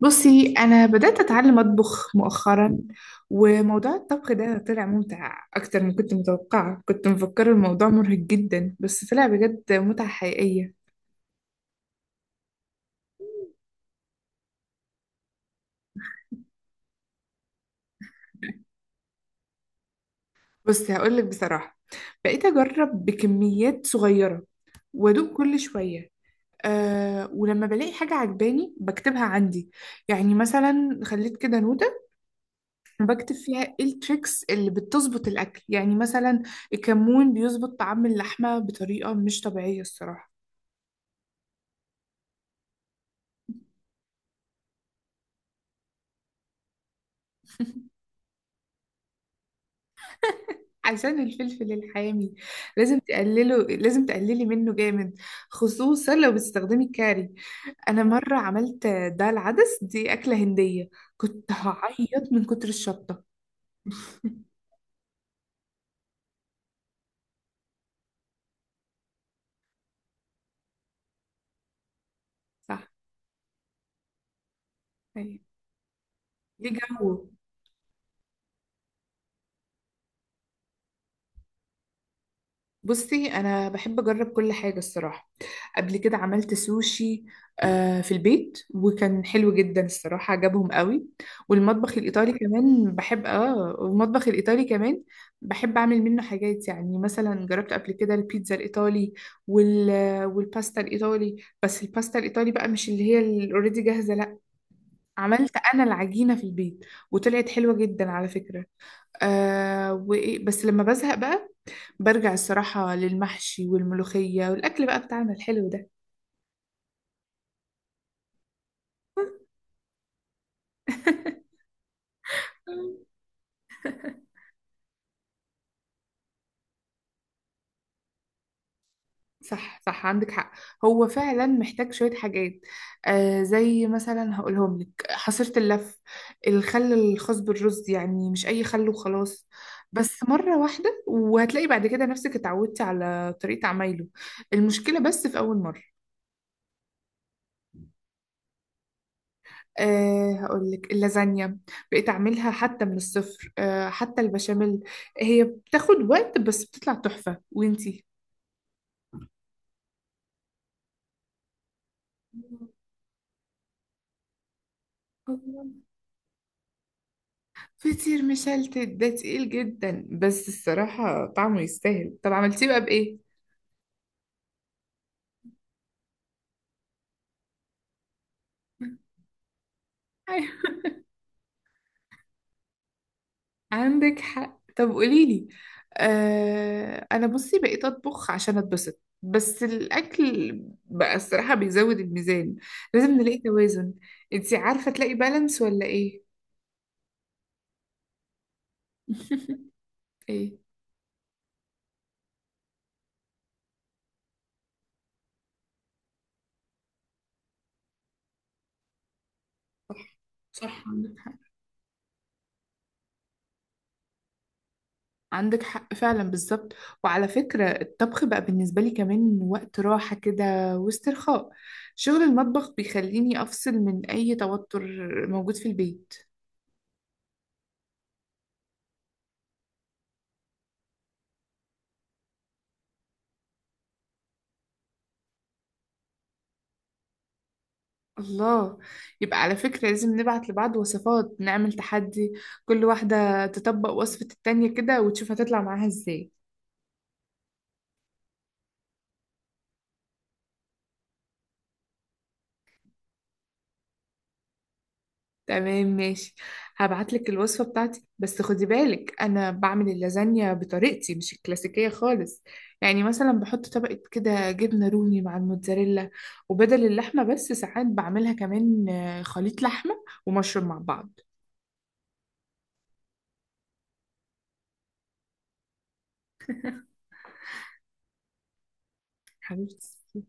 بصي أنا بدأت أتعلم أطبخ مؤخرا. وموضوع الطبخ ده طلع ممتع أكتر من كنت متوقعة، كنت مفكرة الموضوع مرهق جدا بس طلع بجد متعة حقيقية. بصي هقولك بصراحة، بقيت أجرب بكميات صغيرة وأدوق كل شوية. أه، ولما بلاقي حاجة عجباني بكتبها عندي، يعني مثلا خليت كده نوتة بكتب فيها ايه التريكس اللي بتظبط الأكل، يعني مثلا الكمون بيظبط طعم اللحمة بطريقة مش طبيعية الصراحة. عشان الفلفل الحامي، لازم تقللي منه جامد، خصوصا لو بتستخدمي الكاري. انا مره عملت دال العدس دي، اكله هنديه، كنت هعيط من كتر الشطه. صح. أيوة. ليه جو؟ بصي انا بحب اجرب كل حاجه الصراحه. قبل كده عملت سوشي، آه، في البيت، وكان حلو جدا الصراحه، عجبهم قوي. والمطبخ الايطالي كمان بحب اعمل منه حاجات، يعني مثلا جربت قبل كده البيتزا الايطالي وال والباستا الايطالي. بس الباستا الايطالي بقى مش اللي هي الاوريدي جاهزه، لا، عملت انا العجينه في البيت وطلعت حلوه جدا على فكره. آه، وإيه بس لما بزهق بقى برجع الصراحة للمحشي والملوخية والأكل بقى بتاعنا الحلو ده. صح صح، عندك حق، هو فعلا محتاج شوية حاجات، آه، زي مثلا هقولهم لك حصيرة اللف، الخل الخاص بالرز، يعني مش أي خل وخلاص، بس مرة واحدة وهتلاقي بعد كده نفسك اتعودتي على طريقة عمايله، المشكلة بس في أول مرة. أه، هقول لك اللازانيا، بقيت اعملها حتى من الصفر، حتى البشاميل، هي بتاخد وقت بس بتطلع تحفة، وانتي. فطير مشلتت ده تقيل جدا، بس الصراحة طعمه يستاهل، طب عملتيه بقى بإيه؟ أيوة. عندك حق، طب قوليلي. آه، أنا بصي بقيت أطبخ عشان أتبسط، بس الأكل بقى الصراحة بيزود الميزان، لازم نلاقي توازن، انتي عارفة تلاقي بالانس ولا إيه؟ ايه. صح صح، عندك حق، عندك حق فعلا بالظبط. وعلى فكرة الطبخ بقى بالنسبة لي كمان وقت راحة كده، واسترخاء، شغل المطبخ بيخليني أفصل من أي توتر موجود في البيت. الله، يبقى على فكرة لازم نبعت لبعض وصفات، نعمل تحدي، كل واحدة تطبق وصفة التانية كده وتشوف هتطلع معاها ازاي. تمام ماشي، هبعتلك الوصفة بتاعتي، بس خدي بالك أنا بعمل اللازانيا بطريقتي مش الكلاسيكية خالص، يعني مثلا بحط طبقة كده جبنة رومي مع الموتزاريلا، وبدل اللحمة بس ساعات بعملها كمان خليط لحمة ومشروم مع بعض. حبيبتي.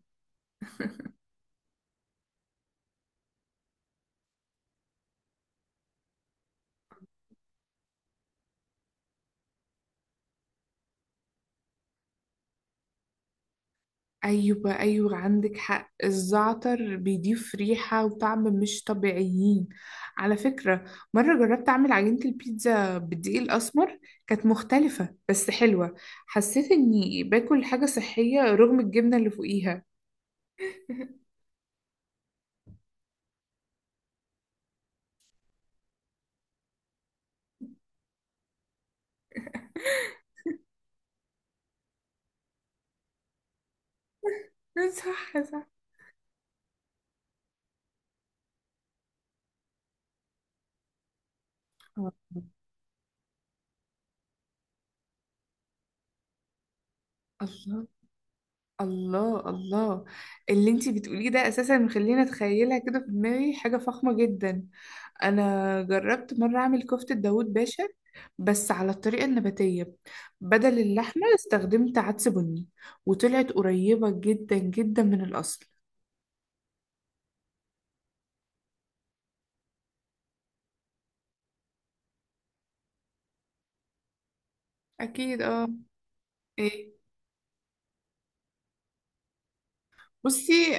أيوة أيوة، عندك حق، الزعتر بيضيف ريحة وطعم مش طبيعيين على فكرة. مرة جربت أعمل عجينة البيتزا بالدقيق الأسمر، كانت مختلفة بس حلوة، حسيت إني باكل حاجة صحية رغم الجبنة اللي فوقيها. صح صح. آه. الله الله الله، اللي انتي بتقوليه ده اساسا مخليني اتخيلها كده في دماغي حاجة فخمة جدا. انا جربت مرة اعمل كفتة داوود باشا، بس على الطريقة النباتية، بدل اللحمة استخدمت عدس بني، وطلعت قريبة جدا جدا من الاصل. اكيد اه. ايه. بصي،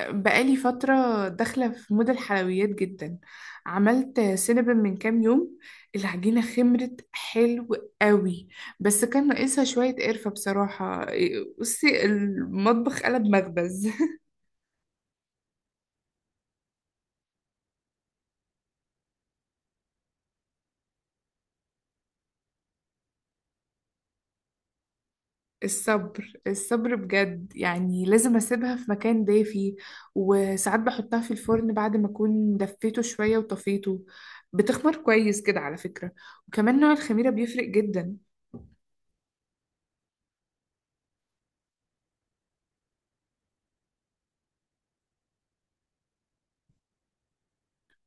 بقالي فترة داخلة في مود الحلويات جدا، عملت سينابن من كام يوم، العجينة خمرت حلو قوي، بس كان ناقصها شوية قرفة بصراحة، بصي المطبخ قلب مخبز. الصبر الصبر بجد، يعني لازم أسيبها في مكان دافي، وساعات بحطها في الفرن بعد ما أكون دفيته شوية وطفيته، بتخمر كويس كده على فكرة، وكمان نوع الخميرة بيفرق جدا.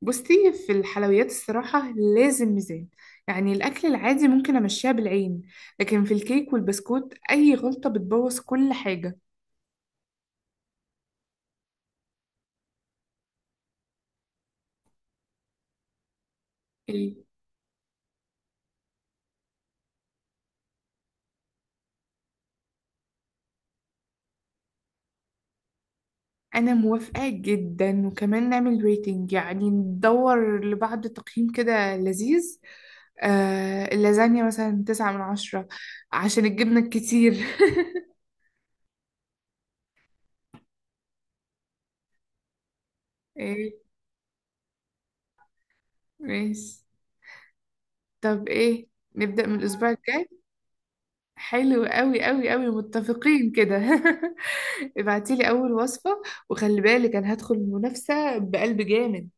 بصي في الحلويات الصراحة لازم ميزان، يعني الأكل العادي ممكن أمشيها بالعين، لكن في الكيك والبسكوت أي غلطة بتبوظ كل حاجة. ال- أنا موافقة جدا، وكمان نعمل ريتنج، يعني ندور لبعض تقييم كده لذيذ، آه اللازانيا مثلا 9/10، عشان الجبنة الكتير. ايه، ماشي، طب ايه، نبدأ من الأسبوع الجاي. حلو أوي أوي أوي، متفقين كده. ابعتي لي اول وصفة، وخلي بالك انا هدخل المنافسة بقلب جامد.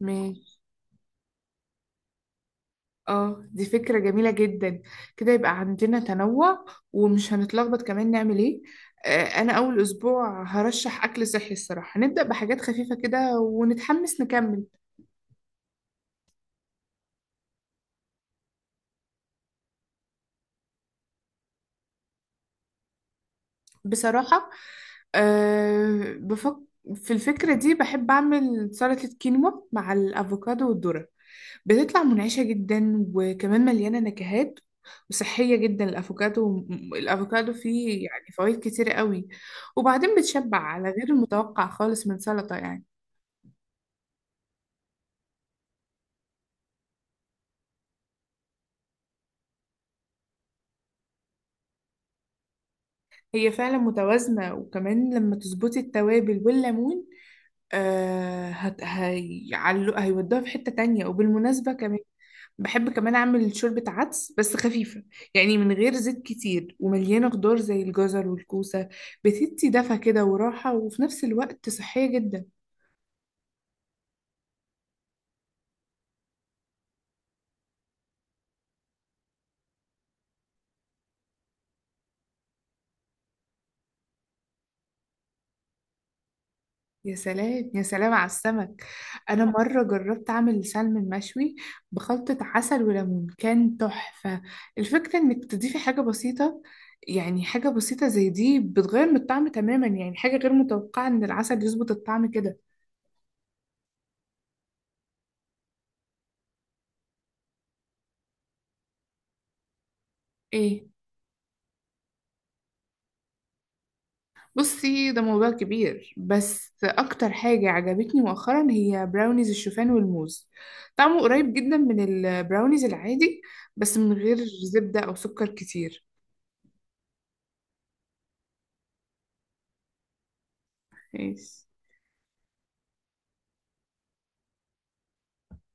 ماشي. اه، دي فكرة جميلة جدا، كده يبقى عندنا تنوع، ومش هنتلخبط كمان نعمل ايه. آه، انا اول اسبوع هرشح اكل صحي الصراحة، هنبدأ بحاجات خفيفة كده ونتحمس نكمل. بصراحة، أه بفك في الفكرة دي بحب أعمل سلطة كينوا مع الأفوكادو والذرة، بتطلع منعشة جدا وكمان مليانة نكهات، وصحية جدا الأفوكادو. الأفوكادو فيه يعني فوائد كتيرة قوي، وبعدين بتشبع على غير المتوقع خالص من سلطة يعني. هي فعلا متوازنة، وكمان لما تظبطي التوابل والليمون آه هت... هي... هيودوها في حتة تانية. وبالمناسبة كمان بحب كمان أعمل شوربة عدس بس خفيفة، يعني من غير زيت كتير ومليانة خضار زي الجزر والكوسة، بتدي دفى كده وراحة وفي نفس الوقت صحية جدا. يا سلام يا سلام على السمك. أنا مرة جربت أعمل سلمون مشوي بخلطة عسل وليمون، كان تحفة، الفكرة إنك تضيفي حاجة بسيطة، يعني حاجة بسيطة زي دي بتغير من الطعم تماما، يعني حاجة غير متوقعة إن العسل يظبط الطعم كده. إيه. بصي، ده موضوع كبير، بس اكتر حاجة عجبتني مؤخرا هي براونيز الشوفان والموز، طعمه قريب جدا من البراونيز العادي، بس من غير زبدة او سكر كتير. إيه.